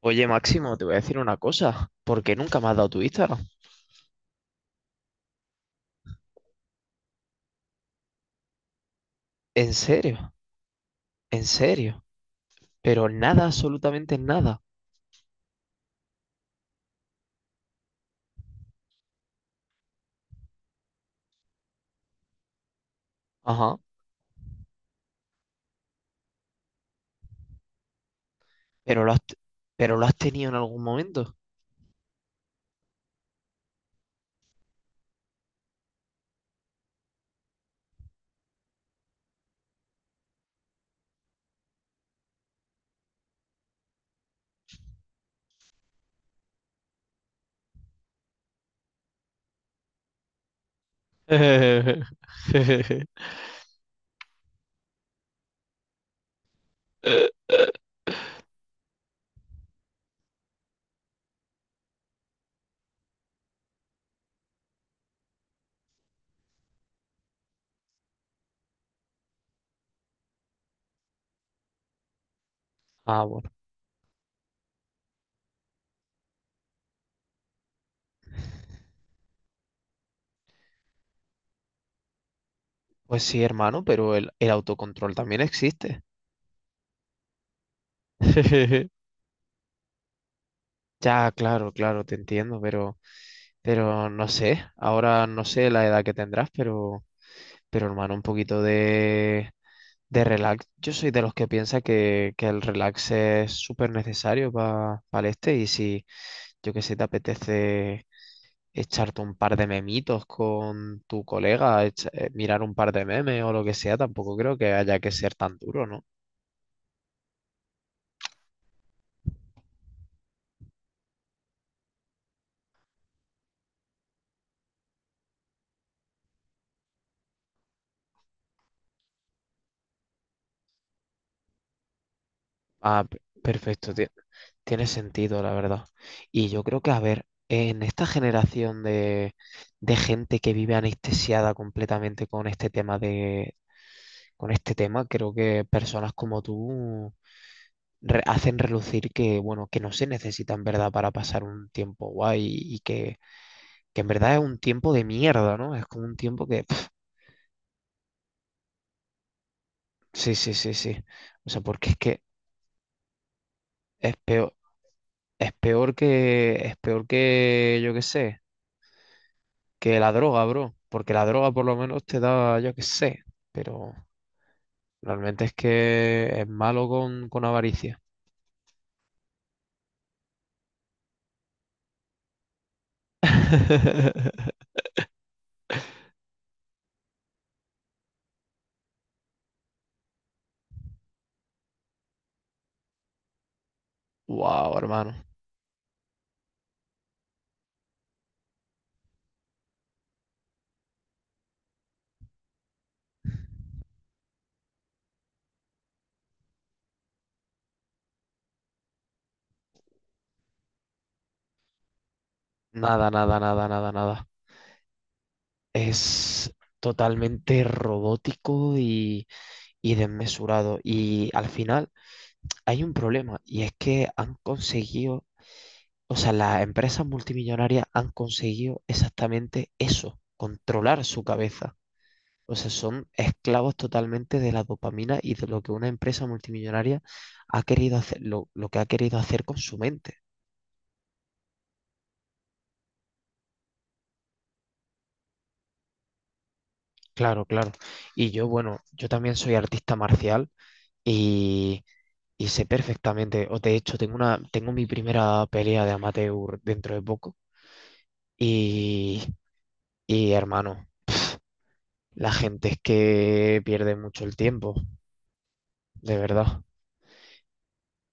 Oye, Máximo, te voy a decir una cosa. ¿Por qué nunca me has dado tu Instagram? En serio, en serio. Pero nada, absolutamente nada. Ajá. Pero lo has, pero lo has tenido en algún momento. Ah, bueno. Pues sí, hermano, pero el autocontrol también existe. Ya, claro, claro, te entiendo, pero no sé. Ahora no sé la edad que tendrás, pero hermano, un poquito de relax. Yo soy de los que piensa que el relax es súper necesario para el este, y si yo que sé te apetece echarte un par de memitos con tu colega, mirar un par de memes o lo que sea, tampoco creo que haya que ser tan duro, ¿no? Ah, perfecto, tiene sentido, la verdad. Y yo creo que, a ver, en esta generación de gente que vive anestesiada completamente con este tema de, con este tema, creo que personas como tú hacen relucir que, bueno, que no se necesita en verdad para pasar un tiempo guay y que en verdad es un tiempo de mierda, ¿no? Es como un tiempo que... pf, sí, sí, sí, sí. O sea, porque es que es peor, es peor que, yo qué sé, que la droga, bro. Porque la droga por lo menos te da, yo qué sé, pero realmente es que es malo con avaricia. Wow, hermano. Nada, nada, nada, nada, nada. Es totalmente robótico y desmesurado. Y al final hay un problema, y es que han conseguido, o sea, las empresas multimillonarias han conseguido exactamente eso, controlar su cabeza. O sea, son esclavos totalmente de la dopamina y de lo que una empresa multimillonaria ha querido hacer, lo que ha querido hacer con su mente. Claro, claro. Y yo, bueno, yo también soy artista marcial, y Y sé perfectamente, o de hecho tengo una, tengo mi primera pelea de amateur dentro de poco. Y, y hermano, la gente es que pierde mucho el tiempo, de verdad.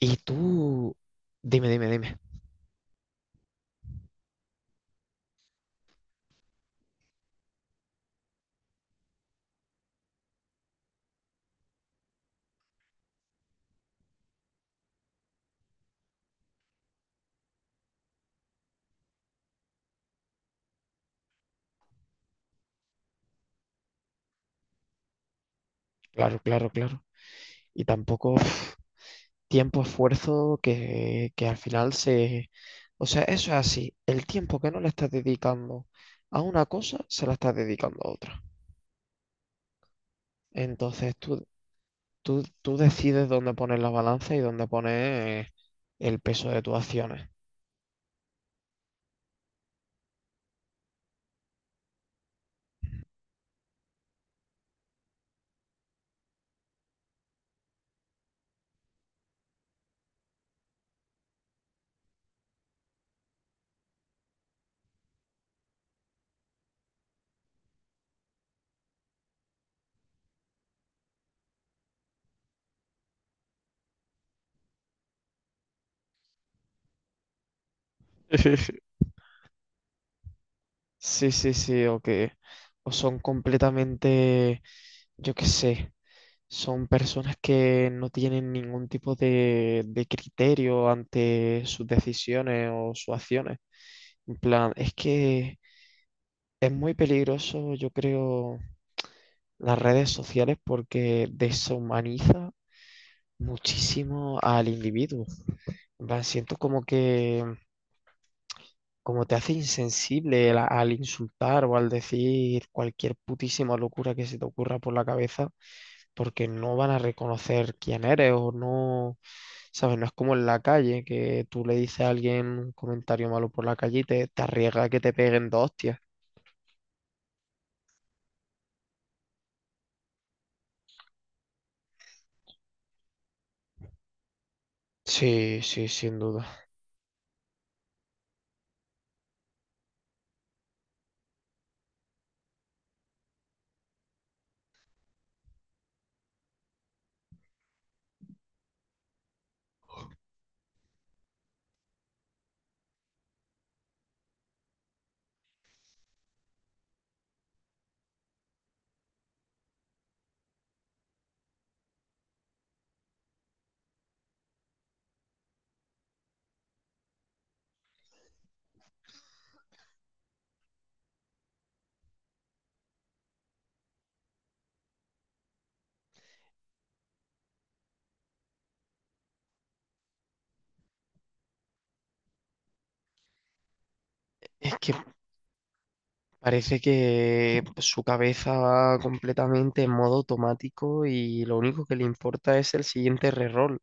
Y tú, dime, dime, dime. Claro, claro, claro. Y tampoco pf, tiempo, esfuerzo que al final se... O sea, eso es así. El tiempo que no le estás dedicando a una cosa, se la estás dedicando a otra. Entonces tú, tú decides dónde poner la balanza y dónde poner el peso de tus acciones. Sí, sí, sí, o que o son completamente, yo qué sé, son personas que no tienen ningún tipo de criterio ante sus decisiones o sus acciones. En plan, es que es muy peligroso, yo creo, las redes sociales, porque deshumaniza muchísimo al individuo. En plan, siento como que como te hace insensible al, al insultar o al decir cualquier putísima locura que se te ocurra por la cabeza, porque no van a reconocer quién eres o no, ¿sabes? No es como en la calle, que tú le dices a alguien un comentario malo por la calle y te arriesga a que te peguen dos hostias. Sí, sí, sin duda. Es que parece que su cabeza va completamente en modo automático y lo único que le importa es el siguiente reroll.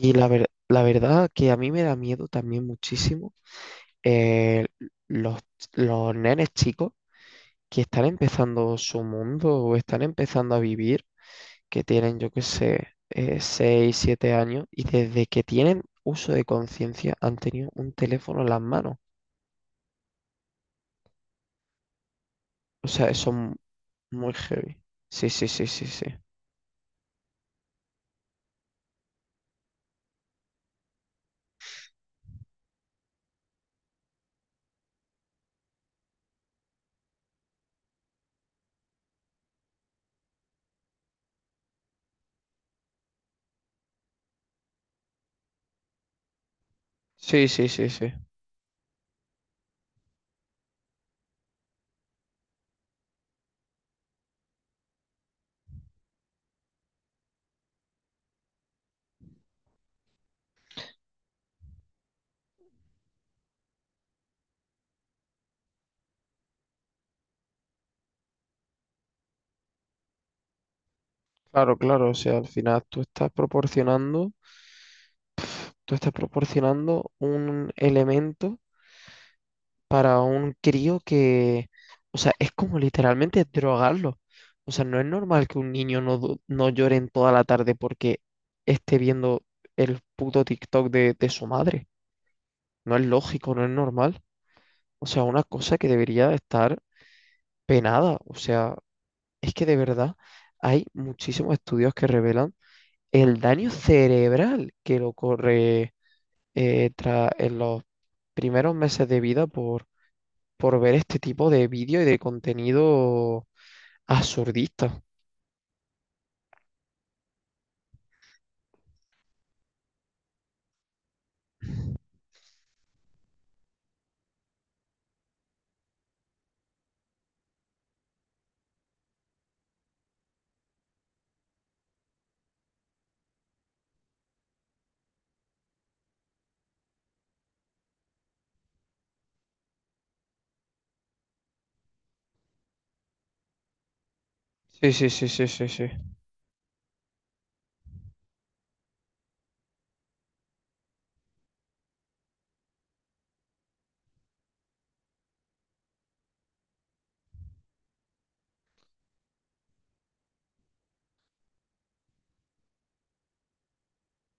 Y la verdad que a mí me da miedo también muchísimo eh, los, los nenes chicos que están empezando su mundo o están empezando a vivir, que tienen, yo qué sé, 6 7 años, y desde que tienen uso de conciencia han tenido un teléfono en las manos. O sea, eso es muy heavy. Sí, sí, sí, sí, sí. Sí, sí, sí, sí. Claro, claro. O sea, al final tú estás proporcionando un elemento para un crío que, o sea, es como literalmente drogarlo. O sea, no es normal que un niño no, no llore en toda la tarde porque esté viendo el puto TikTok de su madre. No es lógico, no es normal. O sea, una cosa que debería estar penada. O sea, es que de verdad hay muchísimos estudios que revelan el daño cerebral que le ocurre en los primeros meses de vida por ver este tipo de vídeo y de contenido absurdista. Sí, sí, sí, sí, sí, sí.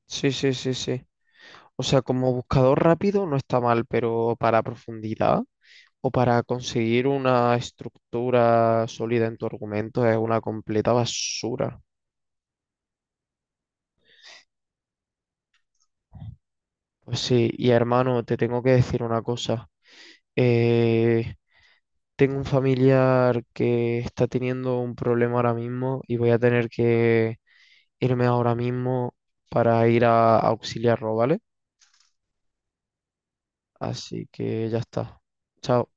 Sí, sí, sí, sí. O sea, como buscador rápido no está mal, pero para profundidad o para conseguir una estructura sólida en tu argumento es una completa basura. Pues sí, y hermano, te tengo que decir una cosa. Eh, tengo un familiar que está teniendo un problema ahora mismo y voy a tener que... irme ahora mismo para ir a auxiliarlo, ¿vale? Así que ya está. Chao.